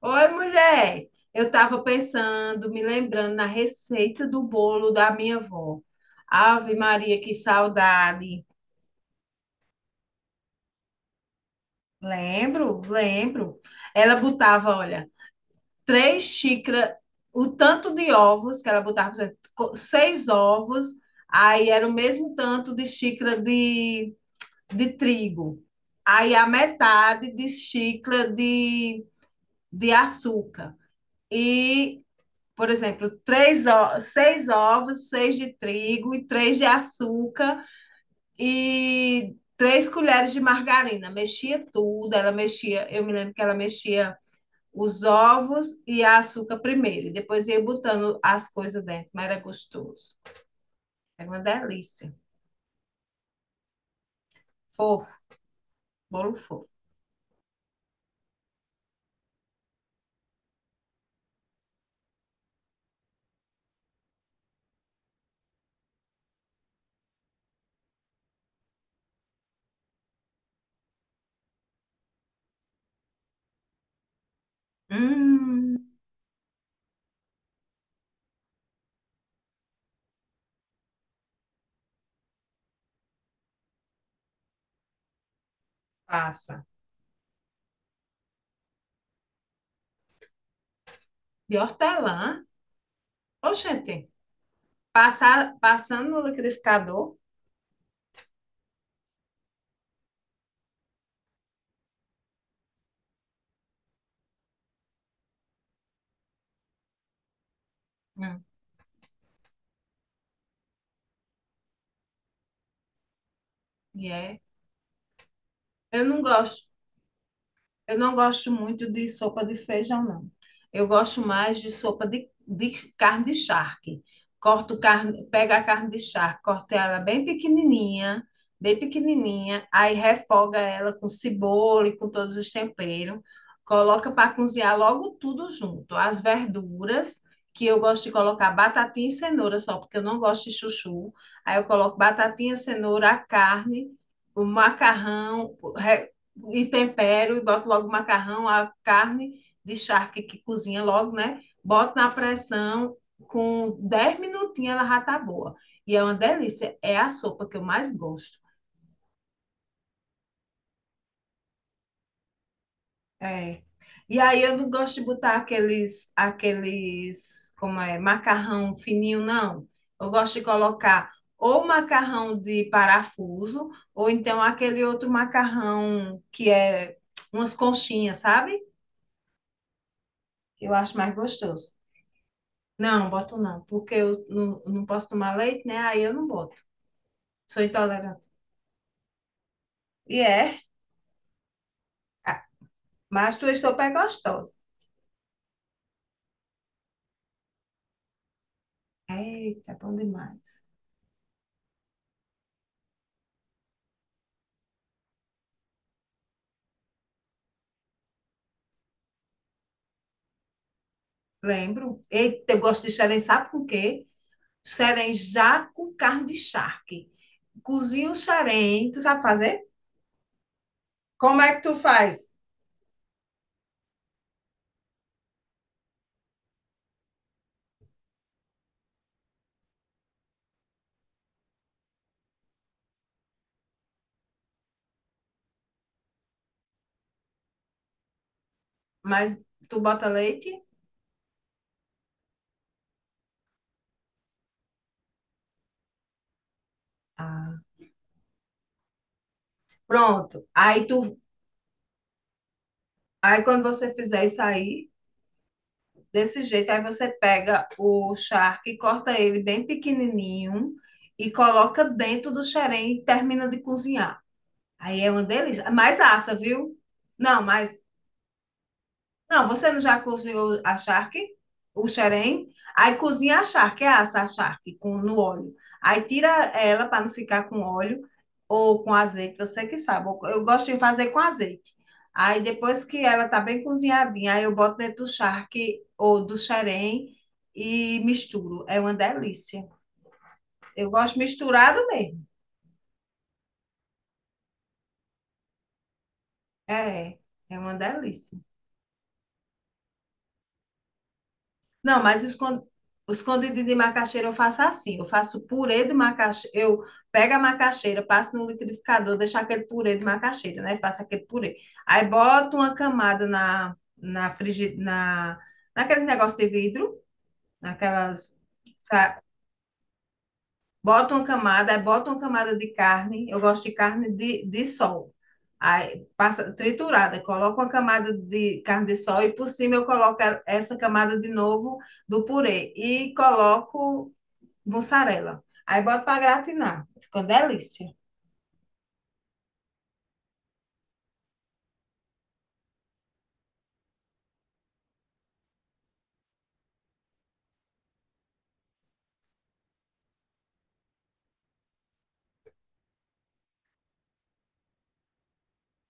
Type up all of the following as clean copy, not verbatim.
Oi, mulher. Eu estava pensando, me lembrando na receita do bolo da minha avó. Ave Maria, que saudade. Lembro, lembro. Ela botava, olha, 3 xícaras, o tanto de ovos que ela botava, por exemplo, seis ovos, aí era o mesmo tanto de xícara de trigo. Aí a metade de xícara de açúcar. E, por exemplo, seis ovos, seis de trigo e três de açúcar e 3 colheres de margarina. Mexia tudo, ela mexia, eu me lembro que ela mexia os ovos e a açúcar primeiro, e depois ia botando as coisas dentro, mas era gostoso. Era uma delícia. Fofo, bolo fofo. Hum. Passa. De hortelã. Oxente, passando no liquidificador. Hum. E é. Eu não gosto. Eu não gosto muito de sopa de feijão, não. Eu gosto mais de sopa de carne de charque. Corto carne, pega a carne de charque, corta ela bem pequenininha, aí refoga ela com cebola e com todos os temperos. Coloca para cozinhar logo tudo junto. As verduras, que eu gosto de colocar batatinha e cenoura só, porque eu não gosto de chuchu. Aí eu coloco batatinha, cenoura, a carne, o macarrão, e tempero, e boto logo o macarrão, a carne de charque, que cozinha logo, né? Boto na pressão, com 10 minutinhos ela já tá boa. E é uma delícia, é a sopa que eu mais gosto. É. E aí eu não gosto de botar aqueles, como é, macarrão fininho, não. Eu gosto de colocar ou macarrão de parafuso, ou então aquele outro macarrão que é umas conchinhas, sabe? Eu acho mais gostoso. Não, boto não, porque eu não, não posso tomar leite, né? Aí eu não boto. Sou intolerante. E é? Ah, mas tua sopa é gostosa. Eita, é bom demais. Lembro. Eita, eu gosto de xerém, sabe com o quê? Xerém já com carne de charque. Cozinha o xerém, tu sabe fazer? Como é que tu faz? Mas tu bota leite? Ah. Pronto. Aí quando você fizer isso aí, desse jeito. Aí você pega o charque, corta ele bem pequenininho e coloca dentro do xerém e termina de cozinhar. Aí é uma delícia. Mais assa, viu? Não, mas não, você não já cozinhou a charque, o xerém? Aí cozinha a charque, é assa a charque com, no óleo. Aí tira ela para não ficar com óleo ou com azeite, você que sabe. Eu gosto de fazer com azeite. Aí depois que ela tá bem cozinhadinha, aí eu boto dentro do charque ou do xerém e misturo. É uma delícia. Eu gosto misturado mesmo. É, é uma delícia. Não, mas o escondidinho de macaxeira eu faço assim. Eu faço purê de macaxeira. Eu pego a macaxeira, passo no liquidificador, deixo aquele purê de macaxeira, né? Faço aquele purê. Aí boto uma camada naquele negócio de vidro, naquelas. Bota uma camada, aí bota uma camada de carne. Eu gosto de carne de sol. Aí passa triturada, coloco uma camada de carne de sol e por cima eu coloco essa camada de novo do purê e coloco mussarela. Aí boto para gratinar. Fica uma delícia.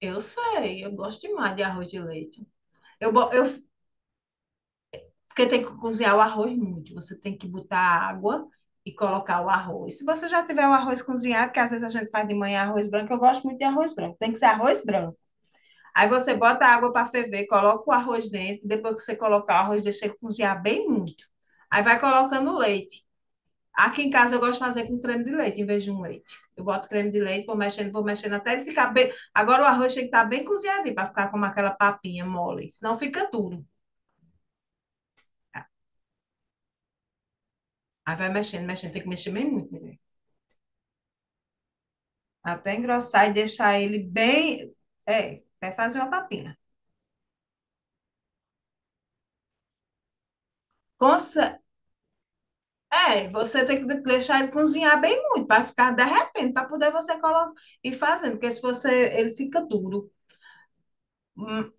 Eu sei, eu gosto demais de arroz de leite. Eu, bo- eu Porque tem que cozinhar o arroz muito. Você tem que botar água e colocar o arroz. Se você já tiver o arroz cozinhado, que às vezes a gente faz de manhã arroz branco, eu gosto muito de arroz branco. Tem que ser arroz branco. Aí você bota a água para ferver, coloca o arroz dentro. Depois que você colocar o arroz, deixa ele cozinhar bem muito. Aí vai colocando leite. Aqui em casa eu gosto de fazer com creme de leite em vez de um leite. Eu boto creme de leite, vou mexendo até ele ficar bem. Agora o arroz tem que estar bem cozinhadinho para ficar com aquela papinha mole. Senão fica duro. Aí vai mexendo, mexendo, tem que mexer bem muito, né? Até engrossar e deixar ele bem. É, até fazer uma papinha. Consa- É, você tem que deixar ele cozinhar bem muito, para ficar derretendo, para poder você colocar e fazendo, porque se você. Ele fica duro. Hum,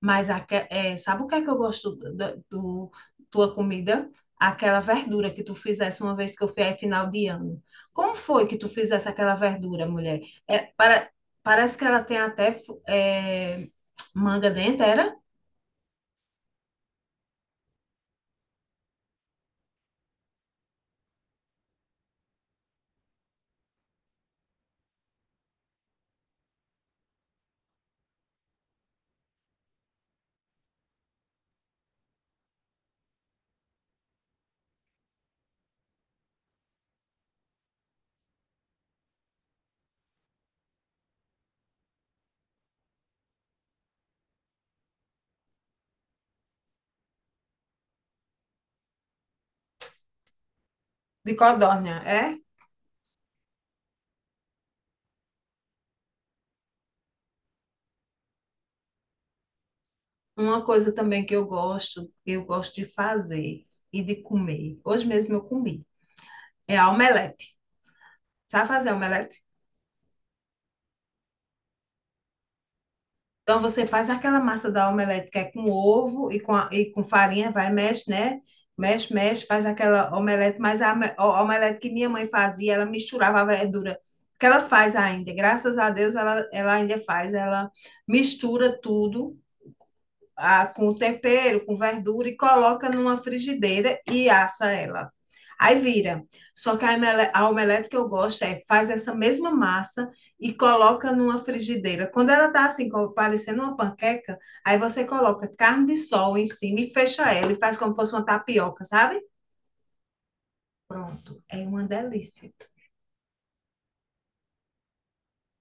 Mas é, sabe o que é que eu gosto da do, tua comida? Aquela verdura que tu fizesse uma vez que eu fui aí final de ano. Como foi que tu fizesse aquela verdura, mulher? É, para, parece que ela tem até é, manga dentro, era? De codorna, é? Uma coisa também que eu gosto de fazer e de comer. Hoje mesmo eu comi. É a omelete. Sabe fazer omelete? Então você faz aquela massa da omelete que é com ovo e e com farinha, vai, mexe, né? Mexe, mexe, faz aquela omelete, mas a omelete que minha mãe fazia, ela misturava a verdura. Que ela faz ainda, graças a Deus, ela ainda faz, ela mistura tudo com o tempero, com verdura e coloca numa frigideira e assa ela. Aí vira. Só que a omelete que eu gosto é faz essa mesma massa e coloca numa frigideira. Quando ela tá assim, como parecendo uma panqueca, aí você coloca carne de sol em cima e fecha ela e faz como fosse uma tapioca, sabe? Pronto, é uma delícia.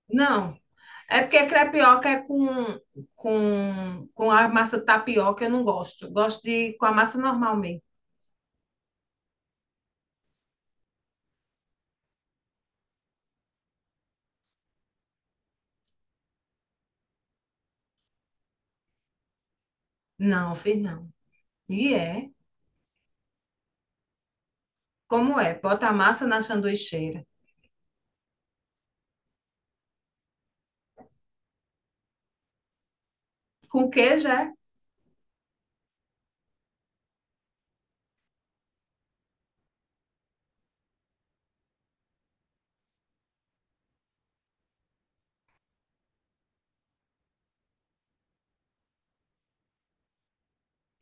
Não, é porque crepioca é com a massa tapioca, eu não gosto. Eu gosto de com a massa normal mesmo. Não, fiz não. E é. Como é? Bota a massa na sanduicheira. Com queijo, é?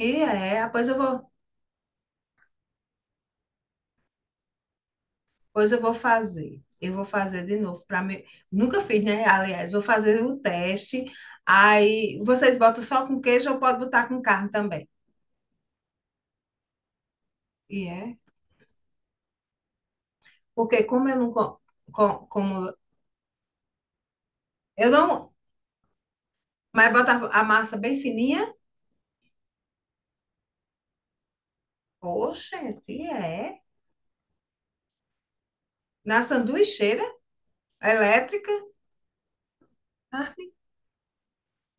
E é. Ah. Pois eu vou fazer. Eu vou fazer de novo para mim. Nunca fiz, né? Aliás, vou fazer o teste. Aí vocês botam só com queijo ou pode botar com carne também. E é. Porque como eu não co- co- como eu não, mas bota a massa bem fininha. Poxa, e é. Na sanduicheira elétrica.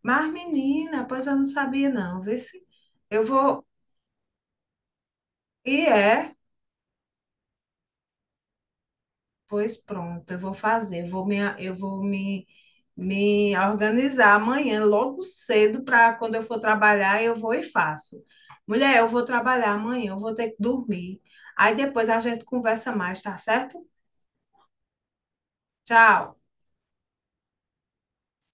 Mas, menina, pois eu não sabia não, vê se eu vou e é, pois pronto, eu vou fazer, eu vou me organizar amanhã, logo cedo, para quando eu for trabalhar, eu vou e faço. Mulher, eu vou trabalhar amanhã, eu vou ter que dormir. Aí depois a gente conversa mais, tá certo? Tchau.